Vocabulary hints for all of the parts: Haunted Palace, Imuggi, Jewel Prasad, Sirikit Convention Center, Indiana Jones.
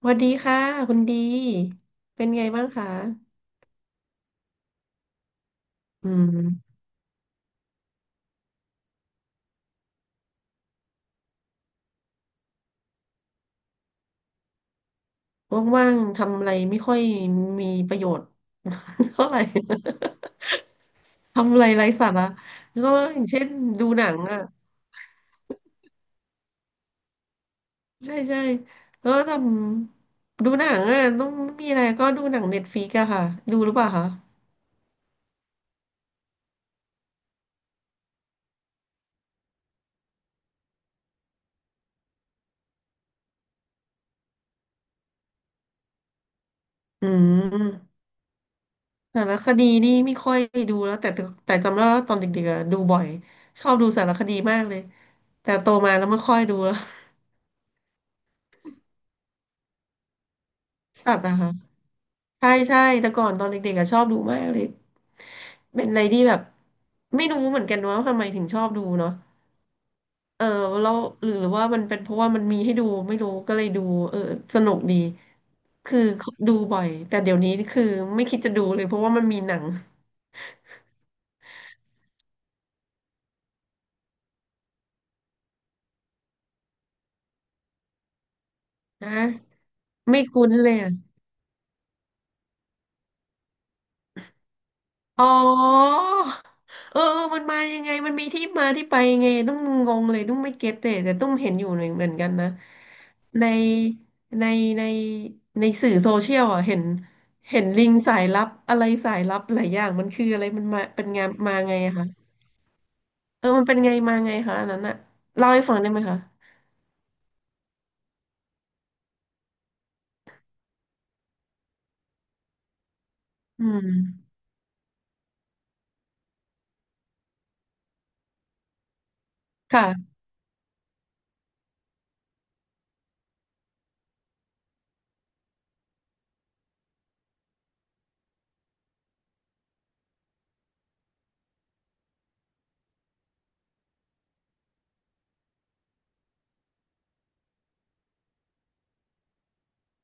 สวัสดีค่ะคุณดีเป็นไงบ้างคะอืมว่างๆทำอะไรไม่ค่อยมีประโยชน์ เท่าไหร่ ทำอะไรไร้สาระก็อย่างเช่นดูหนังอ่ะใช่ใช่แล้วก็ทำดูหนังอ่ะต้องมีอะไรก็ดูหนังเน็ตฟ i ิกอะค่ะดูหรือเปล่าคะอืมสารคดีนี่ไม่ค่อยดูแล้วแต่จำได้ว่าตอนเด็กๆอะดูบ่อยชอบดูสารคดีมากเลยแต่โตมาแล้วไม่ค่อยดูแล้ว สัตว์อะคะ ใช่ใช่แต่ก่อนตอนเด็กๆอะชอบดูมากเลยเป็นอะไรที่แบบไม่รู้เหมือนกันว่าทำไมถึงชอบดูเนาะเออแล้วหรือว่ามันเป็นเพราะว่ามันมีให้ดูไม่รู้ก็เลยดูเออสนุกดีคือดูบ่อยแต่เดี๋ยวนี้คือไม่คิดจะดูเลยเพราะว่ามันมีหนังนะไม่คุ้นเลยอะ อ๋อเออเออมันมายังไงมันมีที่มาที่ไปยังไงต้องงงเลยต้องไม่เก็ตเลยแต่ต้องเห็นอยู่หนึ่งเหมือนกันนะในในในในสื่อโซเชียลอ่ะเห็นลิงสายลับอะไรสายลับหลายอย่างมันคืออะไรมันมาเป็นงานมาไงอะคะเออมันเป็นไงมาไงคะอันนั้นอะเล่าให้ฟังได้ไหมคะอืมค่ะ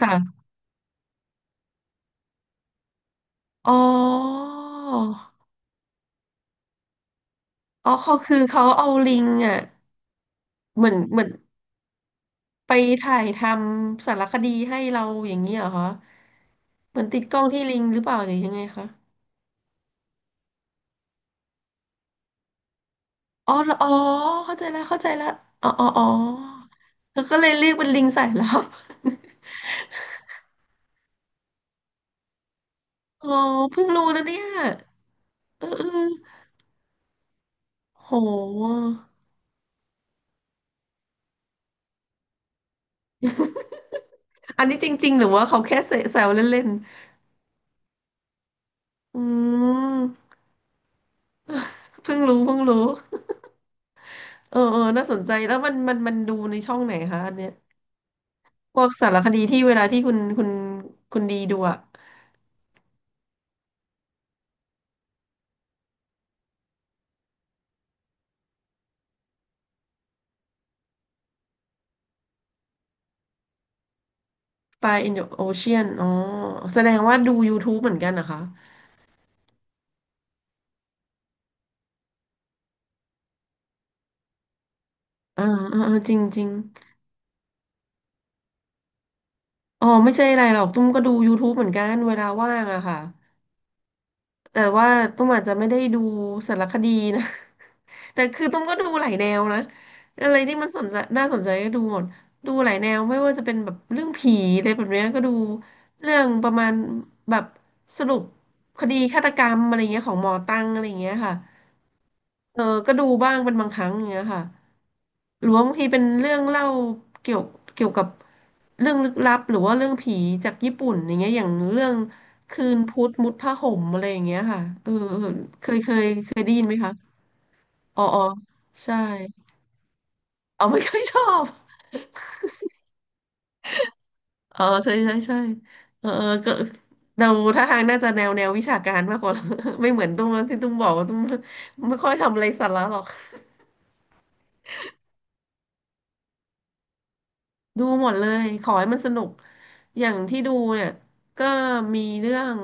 ค่ะอ๋ออ๋อเขาเอาลิงอ่ะเหมือน ไปถ่ายทำสารคดีให้เราอย่างนี้เหรอคะเหมือนติดกล้องที่ลิงหรือเปล่าหรือยังไงคะอ๋อเหรออ๋อเข้าใจแล้วเข้าใจแล้ว อ๋ออ๋ออ๋อแล้วก็เลยเรียกเป็นลิงสา ยลับอ๋อเพิ่งรู้นะเนี่ยเออเออโหอันนี้จริงๆหรือว่าเขาแค่เสแซวเล่นๆอืมเพิ่งรู้เพิ่งรู้เออเออน่าสนใจแล้วมันดูในช่องไหนคะอันเนี้ยพวกสารคดีที่เวลาที่คุณดีดูอะ ปลา in the ocean อ๋อแสดงว่าดู YouTube เหมือนกันนะคะอ่าอ่าอ่าจริงจริงอ๋อไม่ใช่อะไรหรอก ตุ้มก็ดู YouTube เหมือนกันเวลาว่างอะค่ะแต่ว่าตุ้มอาจจะไม่ได้ดูสารคดีนะ แต่คือตุ้มก็ดูหลายแนวนะอะไรที่มันสนใจน่าสนใจก็ดูหมด ดูหลายแนวไม่ว่าจะเป็นแบบเรื่องผีอะไรแบบเนี้ยก็ดูเรื่องประมาณแบบสรุปคดีฆาตกรรมอะไรเงี้ยของหมอตั้งอะไรเงี้ยค่ะเออก็ดูบ้างเป็นบางครั้งอย่างเงี้ยค่ะ หรือว่าบางทีเป็นเรื่องเล่าเกี่ยวเกี่ยวกับเรื่องลึกลับหรือว่าเรื่องผีจากญี่ปุ่นอย่างเงี้ยอย่างเรื่องคืนพุธมุดผ้าห่มอะไรอย่างเงี้ยค่ะเออเออเคยได้ยินไหมคะอ๋ออ๋อใช่อ๋อไม่ค่อยชอบอ๋อใช่ใช่ใช่เออเออก็เราท่าทางน่าจะแนวแนววิชาการมากกว่า ไม่เหมือนตุ้มที่ตุ้มบอกว่าตุ้มไม่ค่อยทำอะไรสาระหรอก ดูหมดเลยขอให้มันสนุกอย่างที่ดูเนี่ยก็มีเรื่อง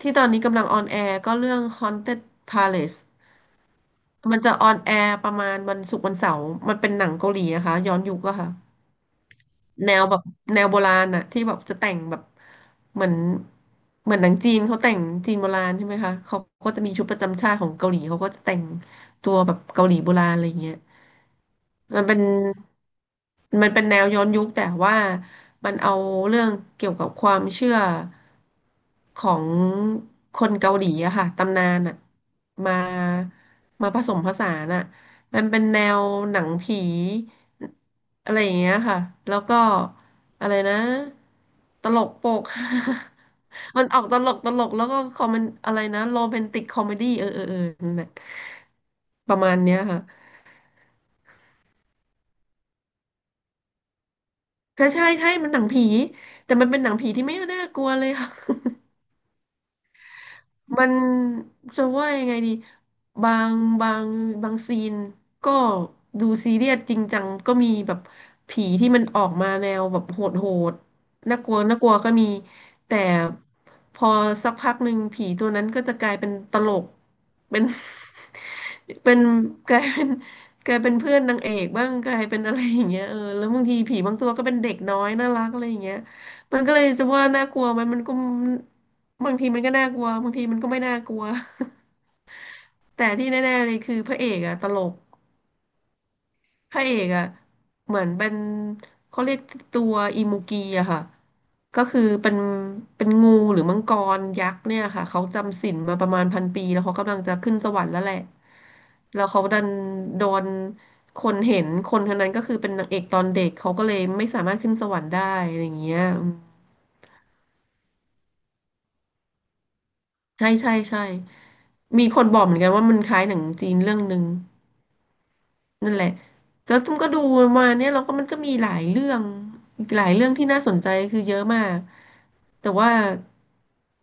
ที่ตอนนี้กำลังออนแอร์ก็เรื่อง Haunted Palace มันจะออนแอร์ประมาณวันศุกร์วันเสาร์มันเป็นหนังเกาหลีนะคะย้อนยุคอะค่ะแนวแบบแนวโบราณอะที่แบบจะแต่งแบบเหมือนเหมือนหนังจีนเขาแต่งจีนโบราณใช่ไหมคะเขาก็จะมีชุดประจำชาติของเกาหลีเขาก็จะแต่งตัวแบบเกาหลีโบราณอะไรอย่างเงี้ย มันเป็นมันเป็นแนวย้อนยุคแต่ว่ามันเอาเรื่องเกี่ยวกับความเชื่อของคนเกาหลีอะค่ะตำนานอะมามาผสมผสานอะมันเป็นแนวหนังผีอะไรอย่างเงี้ยค่ะแล้วก็อะไรนะตลกโปก มันออกตลกตลกแล้วก็คอมเมนอะไรนะโรแมนติกคอมเมดี้เออเออเออนั่นแหละประมาณเนี้ยค่ะ ใช่ใช่ใช่มันหนังผี แต่มันเป็นหนังผีที่ไม่น่ากลัวเลยค่ะ มันจะว่ายังไงดีบางบางบางซีนก็ดูซีเรียสจริงจังก็มีแบบผีที่มันออกมาแนวแบบโหดโหดน่ากลัวน่ากลัวก็มีแต่พอสักพักหนึ่งผีตัวนั้นก็จะกลายเป็นตลกเป็น เป็นกลายเป็นกลายเป็นเพื่อนนางเอกบ้างกลายเป็นอะไรอย่างเงี้ยเออแล้วบางทีผีบางตัวก็เป็นเด็กน้อยน่ารักอะไรอย่างเงี้ยมันก็เลยจะว่าน่ากลัวไหมมันก็ บางทีมันก็น่ากลัวบางทีมันก็ไม่น่ากลัว แต่ที่แน่ๆเลยคือพระเอกอะตลกพระเอกอะเหมือนเป็นเขาเรียกตัวอิมูกีอะค่ะก็คือเป็นเป็นงูหรือมังกรยักษ์เนี่ยค่ะเขาจำศีลมาประมาณ1000 ปีแล้วเขากำลังจะขึ้นสวรรค์แล้วแหละแล้วเขาดันโดนคนเห็นคนคนนั้นก็คือเป็นนางเอกตอนเด็กเขาก็เลยไม่สามารถขึ้นสวรรค์ได้อะไรอย่างเงี้ยอืมใช่ใช่ใช่มีคนบอกเหมือนกันว่ามันคล้ายหนังจีนเรื่องหนึ่ง นั่นแหละแล้วตุ้มก็ดูมาเนี่ยเราก็มันก็มีหลายเรื่องหลายเรื่องที่น่าสนใจคือเยอะมากแต่ว่า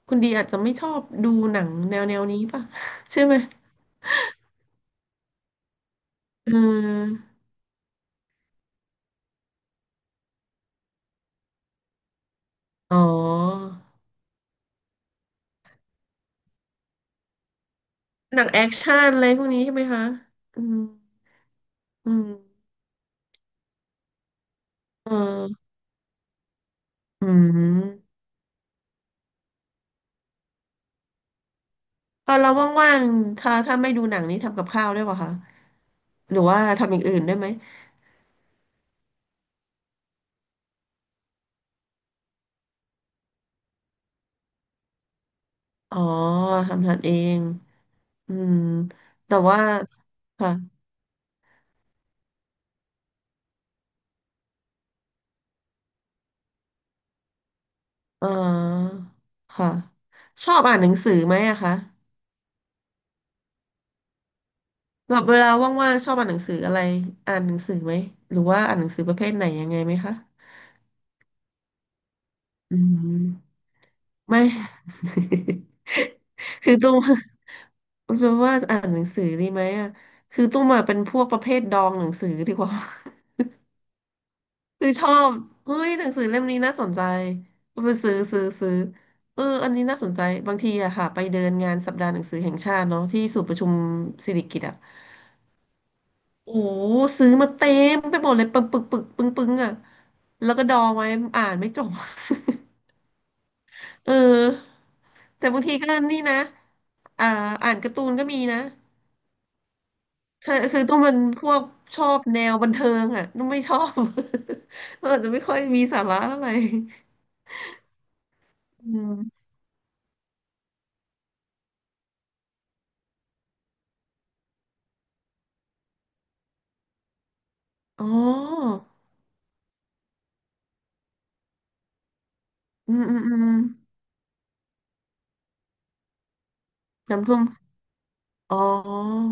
คุณดีอาจจะไม่ชอบดูหนังแนวแนวนี้ป่ะ ใช่ไหมเอออ๋อหนังแอคชั่นอะไรพวกนี้ใช่ไหมคะอืมอืมเอออืมเออเราว่างๆถ้าถ้าไม่ดูหนังนี้ทำกับข้าวได้วยป่ะคะหรือว่าทำอย่างอื่นได้ไหมอ๋อทำทานเองอืมแต่ว่าค่ะ อ๋อค่ะชอบอ่านหนังสือไหมอะคะแบบเวลาว่างๆชอบอ่านหนังสืออะไรอ่านหนังสือไหมหรือว่าอ่านหนังสือประเภทไหนยังไงไหมคะอืมไม่ คือตุ้มจะว่าอ่านหนังสือดีไหมอะคือตุ้มอะเป็นพวกประเภทดองหนังสือดีกว่า คือชอบเฮ้ยหนังสือเล่มนี้น่าสนใจก็ไปซื้อซื้อซื้อเอออันนี้น่าสนใจบางทีอะค่ะไปเดินงานสัปดาห์หนังสือแห่งชาติเนาะที่ศูนย์ประชุมสิริกิติ์อะ โอ้ซื้อมาเต็มไปหมดเลยปึงปึงปึงปึงปึงอ่ะแล้วก็ดองไว้อ่านไม่จบ เออแต่บางทีก็นี่นะอ่าอ่านการ์ตูนก็มีนะใช่คือต้องเป็นพวกชอบแนวบันเทิงอ่ะต้องไม่ชอบ เราอาจจะไม่ค่อยมีสาระอะไรอืมอ๋ออืมอืมอืมน้ำท่วมอ๋อ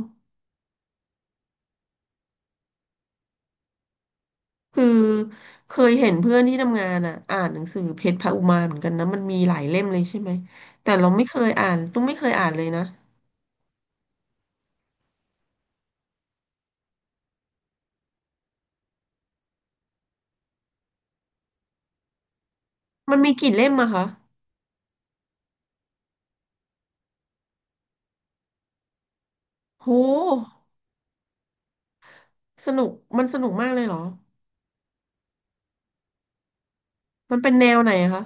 คือเคยเห็นเพื่อนที่ทำงานอ่ะอ่านหนังสือเพชรพระอุมาเหมือนกันนะมันมีหลายเล่มเลยใช่ไหมแต่เราไม่เคยอ่านตุ้มไม่เคยอ่านเลยนะมันมีกี่เล่มอะคะโหสนุกมันสนุกมากเลยเหรอมันเป็นแนวไหนอะคะ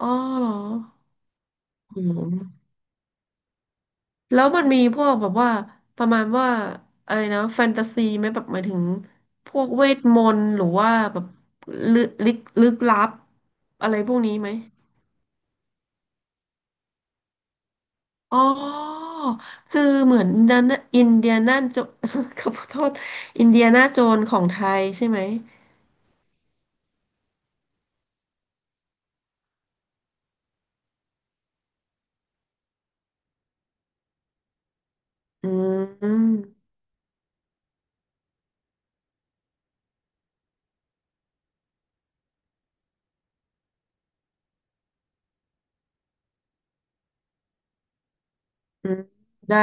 อ๋อเหรออืมแล้วมันมีพวกแบบว่าประมาณว่าอะไรนะแฟนตาซีไหมแบบหมายถึงพวกเวทมนต์หรือว่าแบบลึกลึกลึกลับอะไรพวกนี้ไหม อ๋อคือเหมือนนันอินเดียนาโจ ขอโทษอินเดียนาโจนของไทยใช่ไหมอืมอืมได้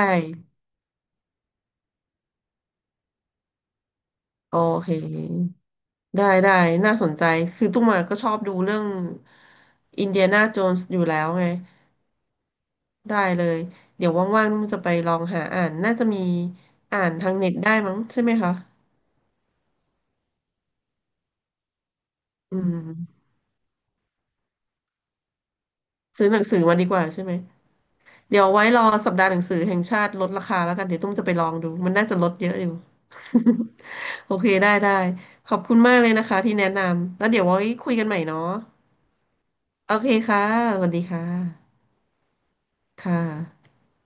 โอเคได้ได้น่าสนใจคือตุ้มมาก็ชอบดูเรื่องอินเดียนาโจนส์อยู่แล้วไงได้เลยเดี๋ยวว่างๆตุ้มจะไปลองหาอ่านน่าจะมีอ่านทางเน็ตได้มั้งใช่ไหมคะอืมซื้อหนังสือมาดีกว่าใช่ไหม เดี๋ยวไว้รอสัปดาห์หนังสือแห่งชาติลดราคาแล้วกันเดี๋ยวตุ้มจะไปลองดูมันน่าจะลดเยอะอยู่ โอเคได้ได้ขอบคุณมากเลยนะคะที่แนะนำแล้วเดี๋ยวไว้คุยกันใหม่เนาะโอเคค่ะสวัสดีค่ะค่ะ